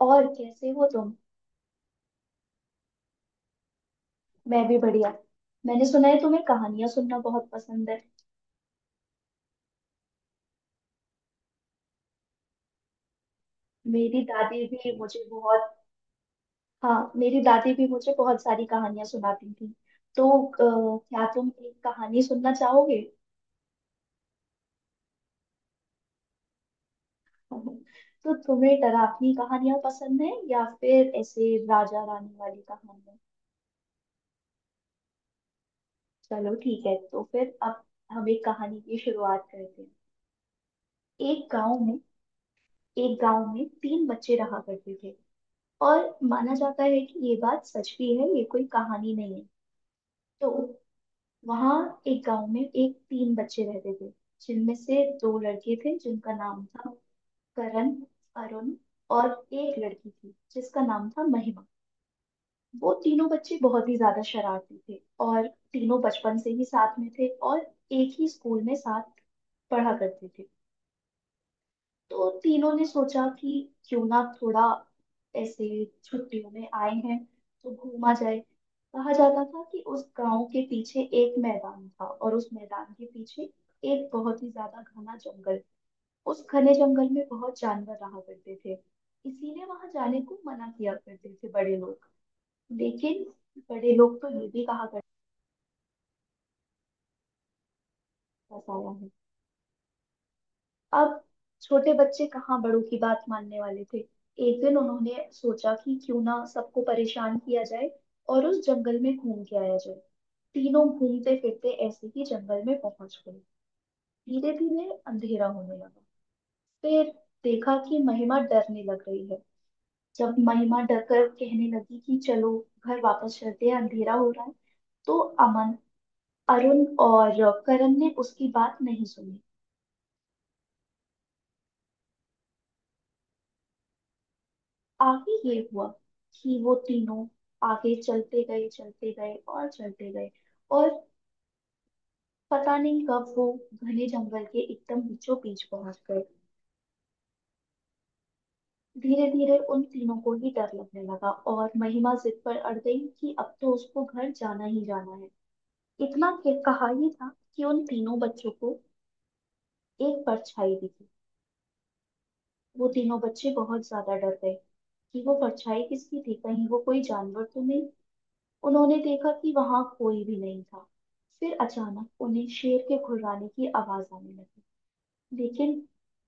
और कैसे हो तुम। मैं भी बढ़िया। मैंने सुना है तुम्हें कहानियां सुनना बहुत पसंद है। मेरी दादी भी मुझे बहुत। हाँ, मेरी दादी भी मुझे बहुत सारी कहानियां सुनाती थी। तो क्या तुम एक कहानी सुनना चाहोगे? तो तुम्हें डरावनी कहानियां पसंद है या फिर ऐसे राजा रानी वाली कहानियां? चलो ठीक है, तो फिर अब हम एक कहानी की शुरुआत करते हैं। एक गांव में, एक गांव में तीन बच्चे रहा करते थे। और माना जाता है कि ये बात सच भी है, ये कोई कहानी नहीं है। तो वहाँ एक गांव में एक तीन बच्चे रहते थे, जिनमें से दो लड़के थे जिनका नाम था करण, अरुण, और एक लड़की थी जिसका नाम था महिमा। वो तीनों बच्चे बहुत ही ज्यादा शरारती थे, और तीनों बचपन से ही साथ में थे, और एक ही स्कूल में साथ पढ़ा करते थे। तो तीनों ने सोचा कि क्यों ना थोड़ा, ऐसे छुट्टियों में आए हैं तो घूमा जाए। कहा जाता था कि उस गांव के पीछे एक मैदान था और उस मैदान के पीछे एक बहुत ही ज्यादा घना जंगल। उस घने जंगल में बहुत जानवर रहा करते थे, इसीलिए वहां जाने को मना किया करते थे बड़े लोग। लेकिन बड़े लोग तो ये भी कहा करते, बस आया है अब। छोटे बच्चे कहाँ बड़ों की बात मानने वाले थे। एक दिन उन्होंने सोचा कि क्यों ना सबको परेशान किया जाए और उस जंगल में घूम के आया जाए। तीनों घूमते फिरते ऐसे ही जंगल में पहुंच गए। धीरे धीरे अंधेरा होने लगा। फिर देखा कि महिमा डरने लग रही है। जब महिमा डरकर कहने लगी कि चलो घर वापस चलते हैं, अंधेरा हो रहा है, तो अमन, अरुण और करण ने उसकी बात नहीं सुनी। आगे ये हुआ कि वो तीनों आगे चलते गए, चलते गए और चलते गए, और पता नहीं कब वो घने जंगल के एकदम बीचों बीच पहुंच गए। धीरे धीरे उन तीनों को ही डर लगने लगा और महिमा जिद पर अड़ गई कि अब तो उसको घर जाना ही जाना है। इतना कहा ही था कि उन तीनों बच्चों को एक परछाई दिखी। वो तीनों बच्चे बहुत ज्यादा डर गए कि वो परछाई किसकी थी, कहीं वो कोई जानवर तो नहीं। उन्होंने देखा कि वहां कोई भी नहीं था। फिर अचानक उन्हें शेर के घुर्राने की आवाज आने लगी, लेकिन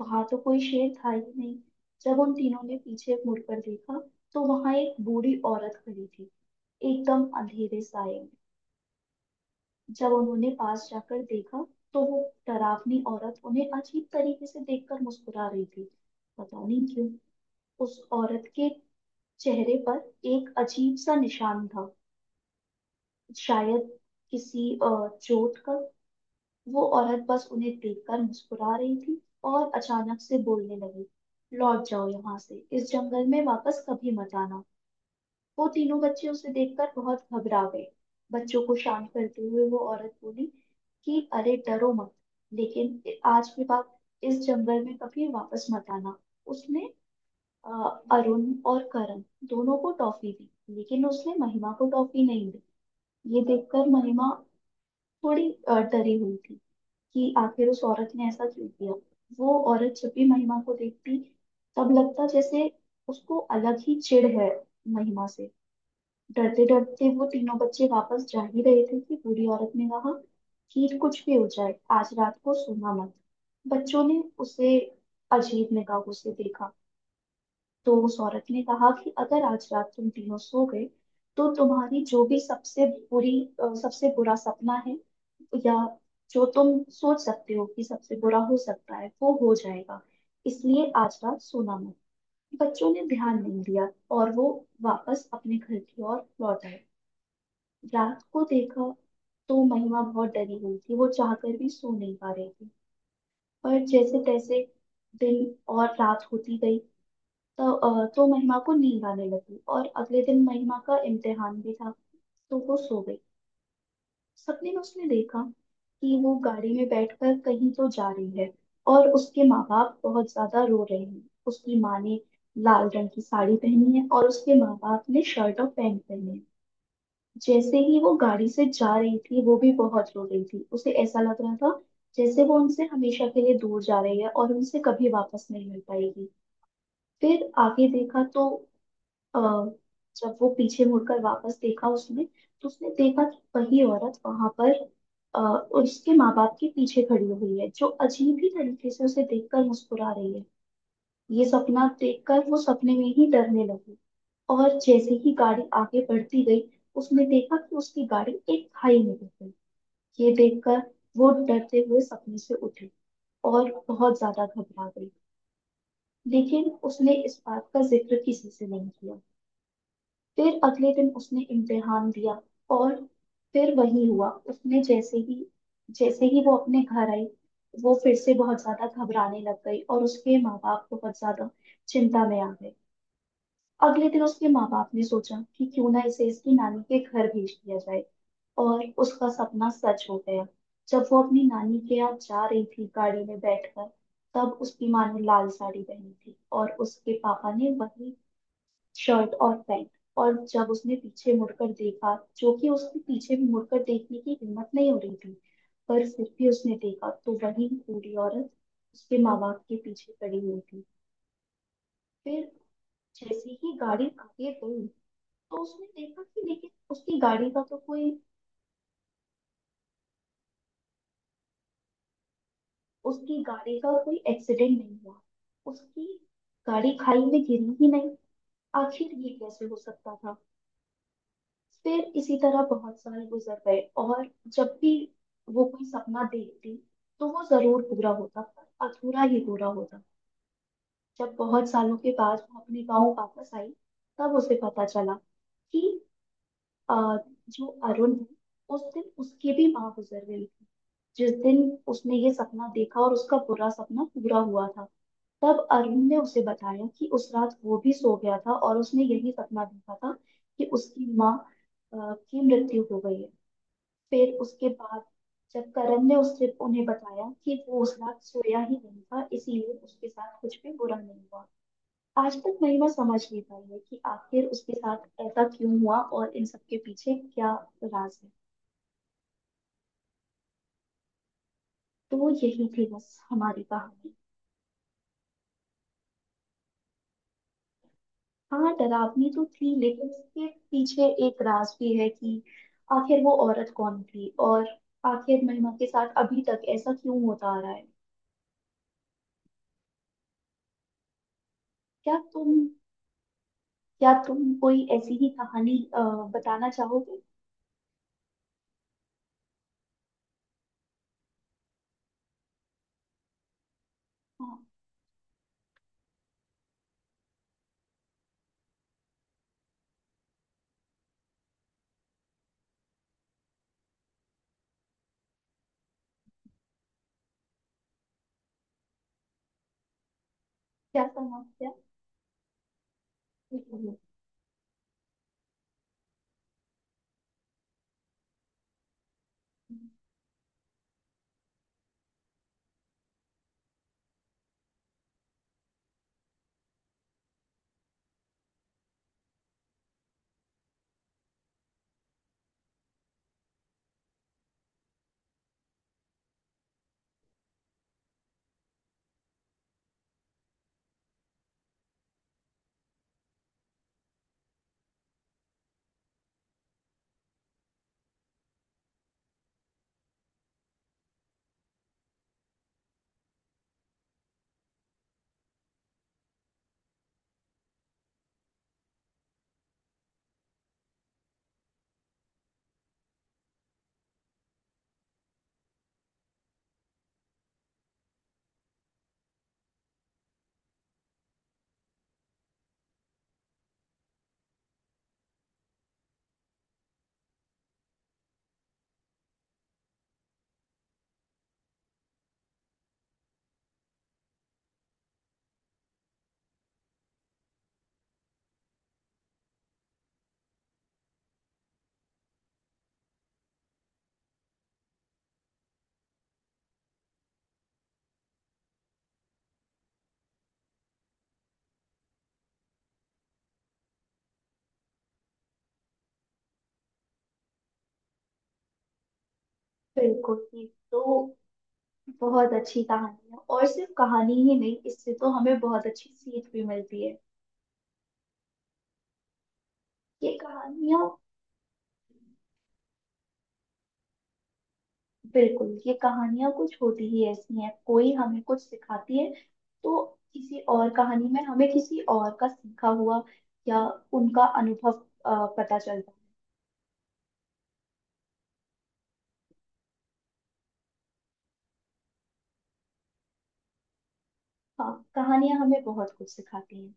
वहां तो कोई शेर था ही नहीं। जब उन तीनों ने पीछे मुड़कर देखा, तो वहां एक बूढ़ी औरत खड़ी थी, एकदम अंधेरे साए में। जब उन्होंने पास जाकर देखा, तो वो डरावनी औरत उन्हें अजीब तरीके से देखकर मुस्कुरा रही थी। पता नहीं क्यों, उस औरत के चेहरे पर एक अजीब सा निशान था, शायद किसी चोट का। वो औरत बस उन्हें देखकर मुस्कुरा रही थी, और अचानक से बोलने लगी, लौट जाओ यहाँ से, इस जंगल में वापस कभी मत आना। वो तीनों बच्चे उसे देखकर बहुत घबरा गए। बच्चों को शांत करते हुए वो औरत बोली कि अरे डरो मत, लेकिन आज के बाद इस जंगल में कभी वापस मत आना। उसने अ, अरुण और करण दोनों को टॉफी दी, लेकिन उसने महिमा को टॉफी नहीं दी। ये देखकर महिमा थोड़ी डरी हुई थी कि आखिर उस औरत ने ऐसा क्यों किया। वो औरत जब भी महिमा को देखती, तब लगता जैसे उसको अलग ही चिढ़ है महिमा से। डरते डरते वो तीनों बच्चे वापस जा ही रहे थे कि बूढ़ी औरत ने कहा कि कुछ भी हो जाए, आज रात को सोना मत। बच्चों ने उसे अजीब निगाहों से देखा, तो उस औरत ने कहा कि अगर आज रात तुम तीनों सो गए, तो तुम्हारी जो भी सबसे बुरी, सबसे बुरा सपना है, या जो तुम सोच सकते हो कि सबसे बुरा हो सकता है, वो हो जाएगा। इसलिए आज रात सोना मत। बच्चों ने ध्यान नहीं दिया, और वो वापस अपने घर की ओर लौट आए। रात को देखा तो महिमा बहुत डरी हुई थी, वो चाहकर भी सो नहीं पा रही थी। पर जैसे तैसे दिन और रात होती गई, तो महिमा को नींद आने लगी, और अगले दिन महिमा का इम्तिहान भी था, तो वो सो गई। सपने में उसने देखा कि वो गाड़ी में बैठकर कहीं तो जा रही है, और उसके माँ बाप बहुत ज्यादा रो रहे हैं। उसकी माँ ने लाल रंग की साड़ी पहनी है और उसके माँ बाप ने शर्ट और पैंट पहने हैं। जैसे ही वो गाड़ी से जा रही थी, वो भी बहुत रो रही थी। उसे ऐसा लग रहा था जैसे वो उनसे हमेशा के लिए दूर जा रही है और उनसे कभी वापस नहीं मिल पाएगी। फिर आगे देखा तो अ, जब वो पीछे मुड़कर वापस देखा उसने, तो उसने देखा कि वही औरत वहां पर, अ, उसके माँ बाप के पीछे खड़ी हुई है, जो अजीब ही तरीके से उसे देखकर मुस्कुरा रही है। ये सपना देखकर वो सपने में ही डरने लगी। और जैसे ही गाड़ी आगे बढ़ती गई, उसने देखा कि उसकी गाड़ी एक खाई में गिर गई। ये देखकर वो डरते हुए सपने से उठी और बहुत ज्यादा घबरा गई। लेकिन उसने इस बात का जिक्र किसी से नहीं किया। फिर अगले दिन उसने इम्तिहान दिया, और फिर वही हुआ। उसने जैसे ही वो अपने घर आई, वो फिर से बहुत ज्यादा घबराने लग गई और उसके माँ बाप बहुत ज्यादा चिंता में आ गए। अगले दिन उसके माँ बाप ने सोचा कि क्यों ना इसे इसकी नानी के घर भेज दिया जाए, और उसका सपना सच हो गया। जब वो अपनी नानी के यहाँ जा रही थी गाड़ी में बैठकर, तब उसकी माँ ने लाल साड़ी पहनी थी और उसके पापा ने वही शर्ट और पैंट। और जब उसने पीछे मुड़कर देखा, जो कि उसने पीछे भी मुड़कर देखने की हिम्मत नहीं हो रही थी, पर फिर भी उसने देखा तो वही बूढ़ी औरत उसके माँ बाप के पीछे खड़ी हुई थी। फिर जैसे ही गाड़ी आगे गई, तो उसने देखा कि लेकिन उसकी गाड़ी का तो कोई, उसकी गाड़ी का कोई एक्सीडेंट नहीं हुआ। उसकी गाड़ी खाई में गिरी ही नहीं। आखिर ये कैसे हो सकता था? फिर इसी तरह बहुत साल गुजर गए, और जब भी वो कोई सपना देखती, तो वो जरूर पूरा होता, पर अधूरा ही पूरा होता। जब बहुत सालों के बाद वो अपने गांव वापस आई, तब उसे पता चला कि अ, जो अरुण है, उस दिन उसकी भी माँ गुजर गई थी, जिस दिन उसने ये सपना देखा और उसका बुरा सपना पूरा हुआ था। तब अरुण ने उसे बताया कि उस रात वो भी सो गया था और उसने यही सपना देखा था कि उसकी माँ की मृत्यु हो गई है। फिर उसके बाद जब करण ने उससे उन्हें बताया कि वो उस रात सोया ही नहीं था, इसीलिए उसके साथ कुछ भी बुरा नहीं हुआ। आज तक नहीं मैं समझ नहीं पाई है कि आखिर उसके साथ ऐसा क्यों हुआ और इन सबके पीछे क्या राज है। तो वो यही थी बस हमारी कहानी। हाँ, डरावनी तो थी, लेकिन उसके पीछे एक राज भी है कि आखिर वो औरत कौन थी, और आखिर महिमा के साथ अभी तक ऐसा क्यों होता आ रहा है। क्या तुम क्या तुम कोई ऐसी ही कहानी बताना चाहोगे? हाँ। क्या समझ क्या। बिल्कुल ठीक। तो बहुत अच्छी कहानी है, और सिर्फ कहानी ही नहीं, इससे तो हमें बहुत अच्छी सीख भी मिलती है। ये कहानियाँ, बिल्कुल, ये कहानियाँ कुछ होती ही ऐसी हैं, कोई हमें कुछ सिखाती है। तो किसी और कहानी में हमें किसी और का सीखा हुआ, या उनका अनुभव पता चलता है। हाँ, कहानियाँ हमें बहुत कुछ सिखाती हैं।